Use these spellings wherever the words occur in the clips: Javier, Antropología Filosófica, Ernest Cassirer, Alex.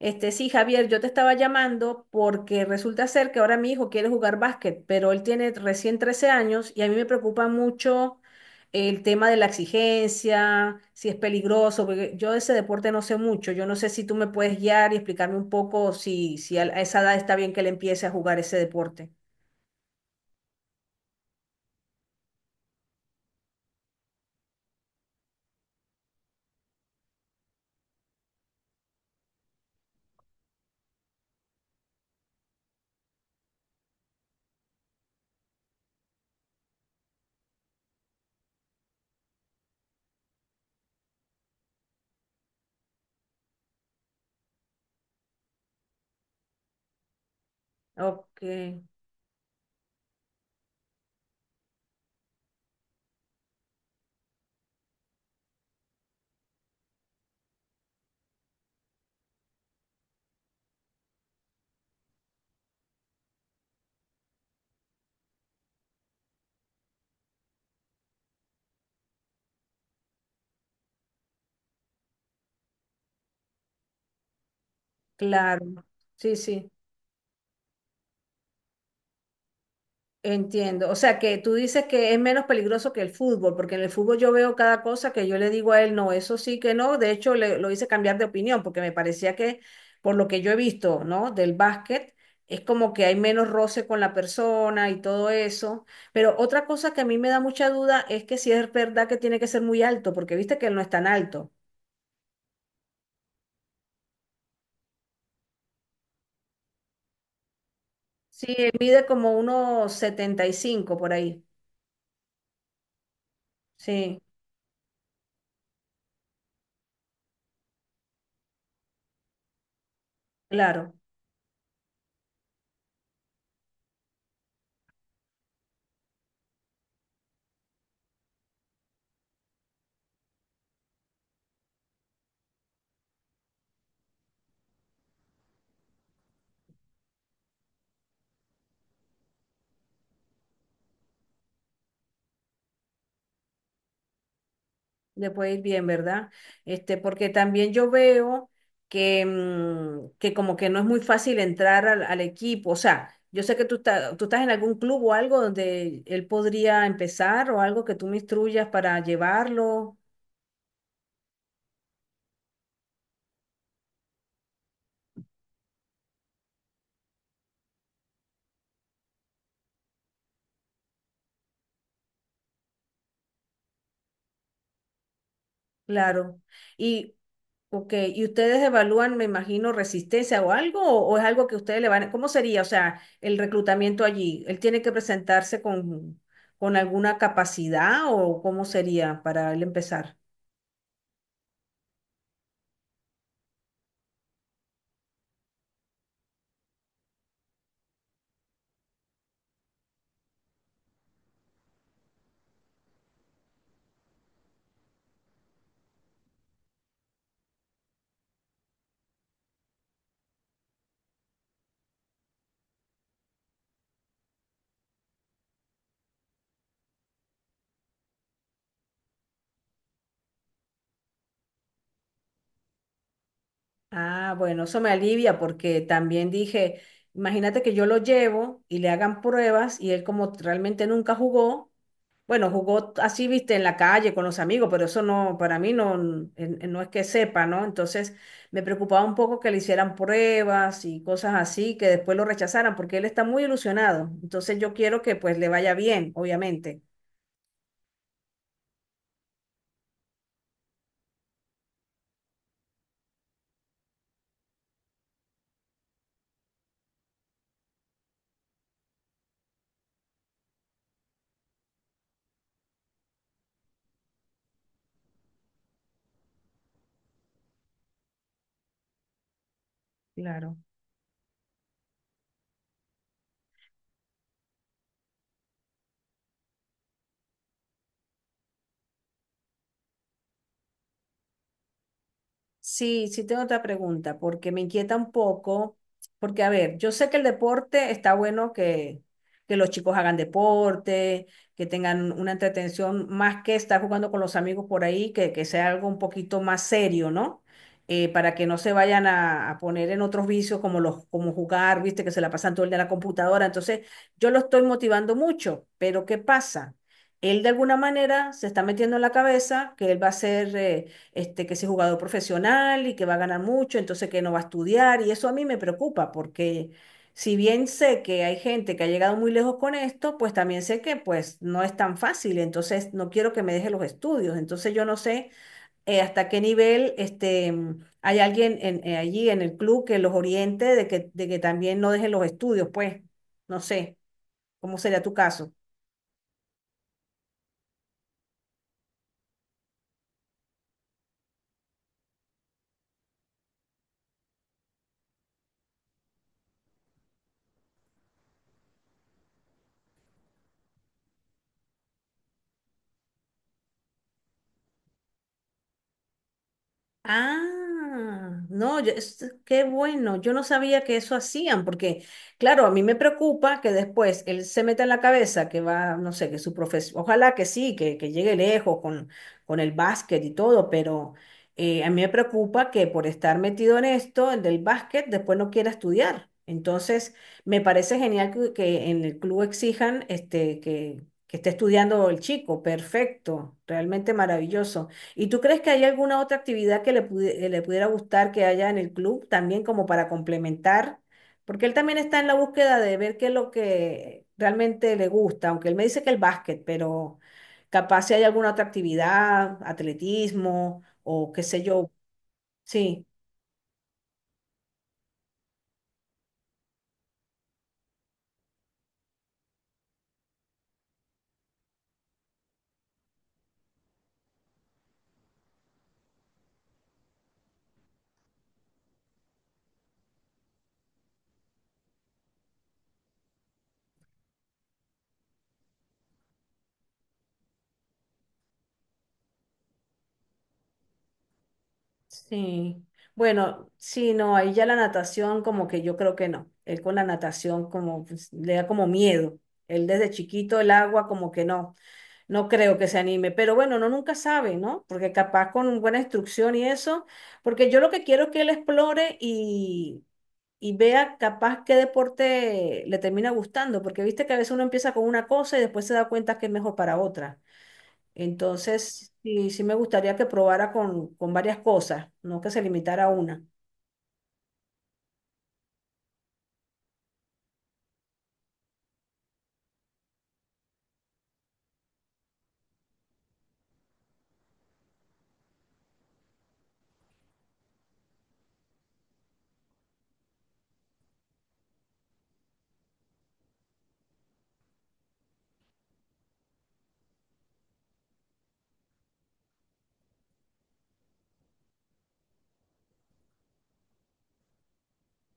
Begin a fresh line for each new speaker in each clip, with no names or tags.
Sí, Javier, yo te estaba llamando porque resulta ser que ahora mi hijo quiere jugar básquet, pero él tiene recién 13 años y a mí me preocupa mucho el tema de la exigencia, si es peligroso, porque yo de ese deporte no sé mucho. Yo no sé si tú me puedes guiar y explicarme un poco si a esa edad está bien que él empiece a jugar ese deporte. Ok, claro. Sí, sí. Entiendo. O sea, que tú dices que es menos peligroso que el fútbol, porque en el fútbol yo veo cada cosa que yo le digo a él, no, eso sí que no. De hecho, lo hice cambiar de opinión, porque me parecía que, por lo que yo he visto, ¿no? Del básquet, es como que hay menos roce con la persona y todo eso. Pero otra cosa que a mí me da mucha duda es que si es verdad que tiene que ser muy alto, porque viste que él no es tan alto. Sí, él mide como unos 75 por ahí. Sí, claro. Le puede ir bien, ¿verdad? Porque también yo veo que, que como que no es muy fácil entrar al equipo. O sea, yo sé que tú estás en algún club o algo donde él podría empezar o algo que tú me instruyas para llevarlo. Claro. Y, ok, ¿y ustedes evalúan, me imagino, resistencia o algo? O es algo que ustedes le van a... ¿Cómo sería? O sea, el reclutamiento allí. ¿Él tiene que presentarse con alguna capacidad o cómo sería para él empezar? Ah, bueno, eso me alivia porque también dije, imagínate que yo lo llevo y le hagan pruebas y él como realmente nunca jugó, bueno, jugó así, viste, en la calle con los amigos, pero eso no, para mí no, no es que sepa, ¿no? Entonces me preocupaba un poco que le hicieran pruebas y cosas así, que después lo rechazaran porque él está muy ilusionado. Entonces yo quiero que pues le vaya bien, obviamente. Claro. Sí, sí tengo otra pregunta, porque me inquieta un poco, porque a ver, yo sé que el deporte está bueno que los chicos hagan deporte, que tengan una entretención más que estar jugando con los amigos por ahí, que sea algo un poquito más serio, ¿no? Para que no se vayan a poner en otros vicios como los, como jugar, viste, que se la pasan todo el día en la computadora. Entonces, yo lo estoy motivando mucho, pero ¿qué pasa? Él de alguna manera se está metiendo en la cabeza que él va a ser... que ese jugador profesional y que va a ganar mucho, entonces que no va a estudiar. Y eso a mí me preocupa porque si bien sé que hay gente que ha llegado muy lejos con esto, pues también sé que pues no es tan fácil. Entonces no quiero que me deje los estudios. Entonces yo no sé hasta qué nivel hay alguien allí en el club que los oriente de que también no dejen los estudios. Pues no sé, ¿cómo sería tu caso? Ah, no, qué bueno. Yo no sabía que eso hacían, porque, claro, a mí me preocupa que después él se meta en la cabeza que va, no sé, que su profesión, ojalá que sí, que llegue lejos con el básquet y todo, pero a mí me preocupa que por estar metido en esto, el del básquet, después no quiera estudiar. Entonces, me parece genial que en el club exijan que esté estudiando el chico. Perfecto, realmente maravilloso. ¿Y tú crees que hay alguna otra actividad que le, le pudiera gustar que haya en el club también como para complementar? Porque él también está en la búsqueda de ver qué es lo que realmente le gusta, aunque él me dice que el básquet, pero capaz si hay alguna otra actividad, atletismo o qué sé yo. Sí, sí. Bueno, sí, no, ahí ya la natación como que yo creo que no. Él con la natación como pues, le da como miedo. Él desde chiquito el agua como que no. No creo que se anime, pero bueno, no nunca sabe, ¿no? Porque capaz con buena instrucción y eso, porque yo lo que quiero es que él explore y vea capaz qué deporte le termina gustando, porque viste que a veces uno empieza con una cosa y después se da cuenta que es mejor para otra. Entonces, sí, sí me gustaría que probara con varias cosas, no que se limitara a una.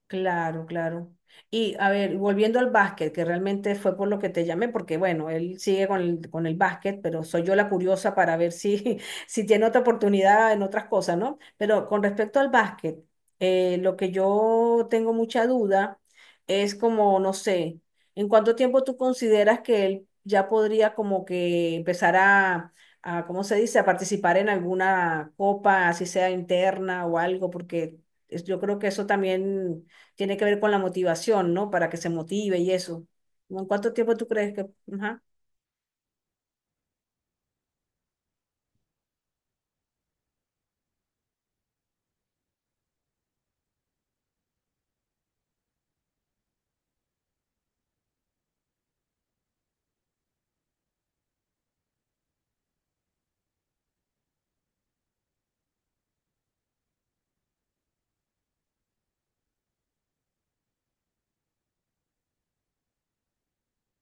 Claro, claro. Y a ver, volviendo al básquet, que realmente fue por lo que te llamé, porque bueno, él sigue con el básquet, pero soy yo la curiosa para ver si, si tiene otra oportunidad en otras cosas, ¿no? Pero con respecto al básquet, lo que yo tengo mucha duda es como, no sé, ¿en cuánto tiempo tú consideras que él ya podría como que empezar a, ¿cómo se dice?, a participar en alguna copa, así sea interna o algo, porque yo creo que eso también tiene que ver con la motivación, ¿no? Para que se motive y eso. ¿No? ¿En cuánto tiempo tú crees que...? Ajá,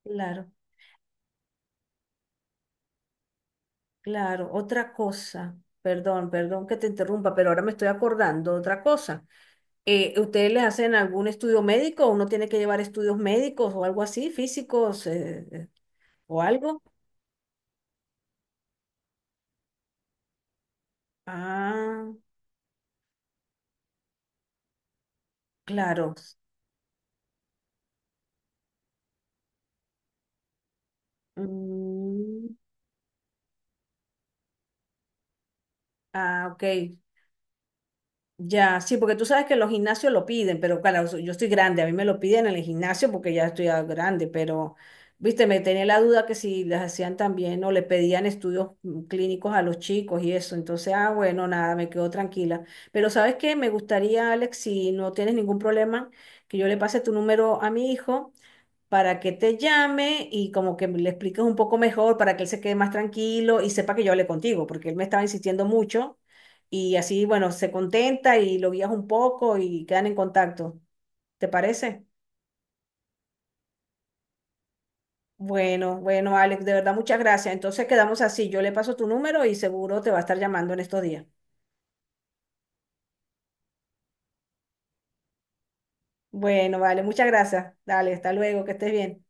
claro, claro. Otra cosa, perdón, perdón que te interrumpa, pero ahora me estoy acordando de otra cosa. ¿Ustedes les hacen algún estudio médico? ¿Uno tiene que llevar estudios médicos o algo así, físicos o algo? Ah, claro. Mm, ah, ok. Ya, sí, porque tú sabes que los gimnasios lo piden, pero claro, yo estoy grande, a mí me lo piden en el gimnasio porque ya estoy ah, grande, pero, viste, me tenía la duda que si les hacían también o le pedían estudios clínicos a los chicos y eso, entonces, ah, bueno, nada, me quedo tranquila. Pero ¿sabes qué? Me gustaría, Alex, si no tienes ningún problema, que yo le pase tu número a mi hijo para que te llame y como que le expliques un poco mejor para que él se quede más tranquilo y sepa que yo hablé contigo, porque él me estaba insistiendo mucho y así, bueno, se contenta y lo guías un poco y quedan en contacto. ¿Te parece? Bueno, bueno, Alex, de verdad muchas gracias. Entonces quedamos así. Yo le paso tu número y seguro te va a estar llamando en estos días. Bueno, vale, muchas gracias. Dale, hasta luego, que estés bien.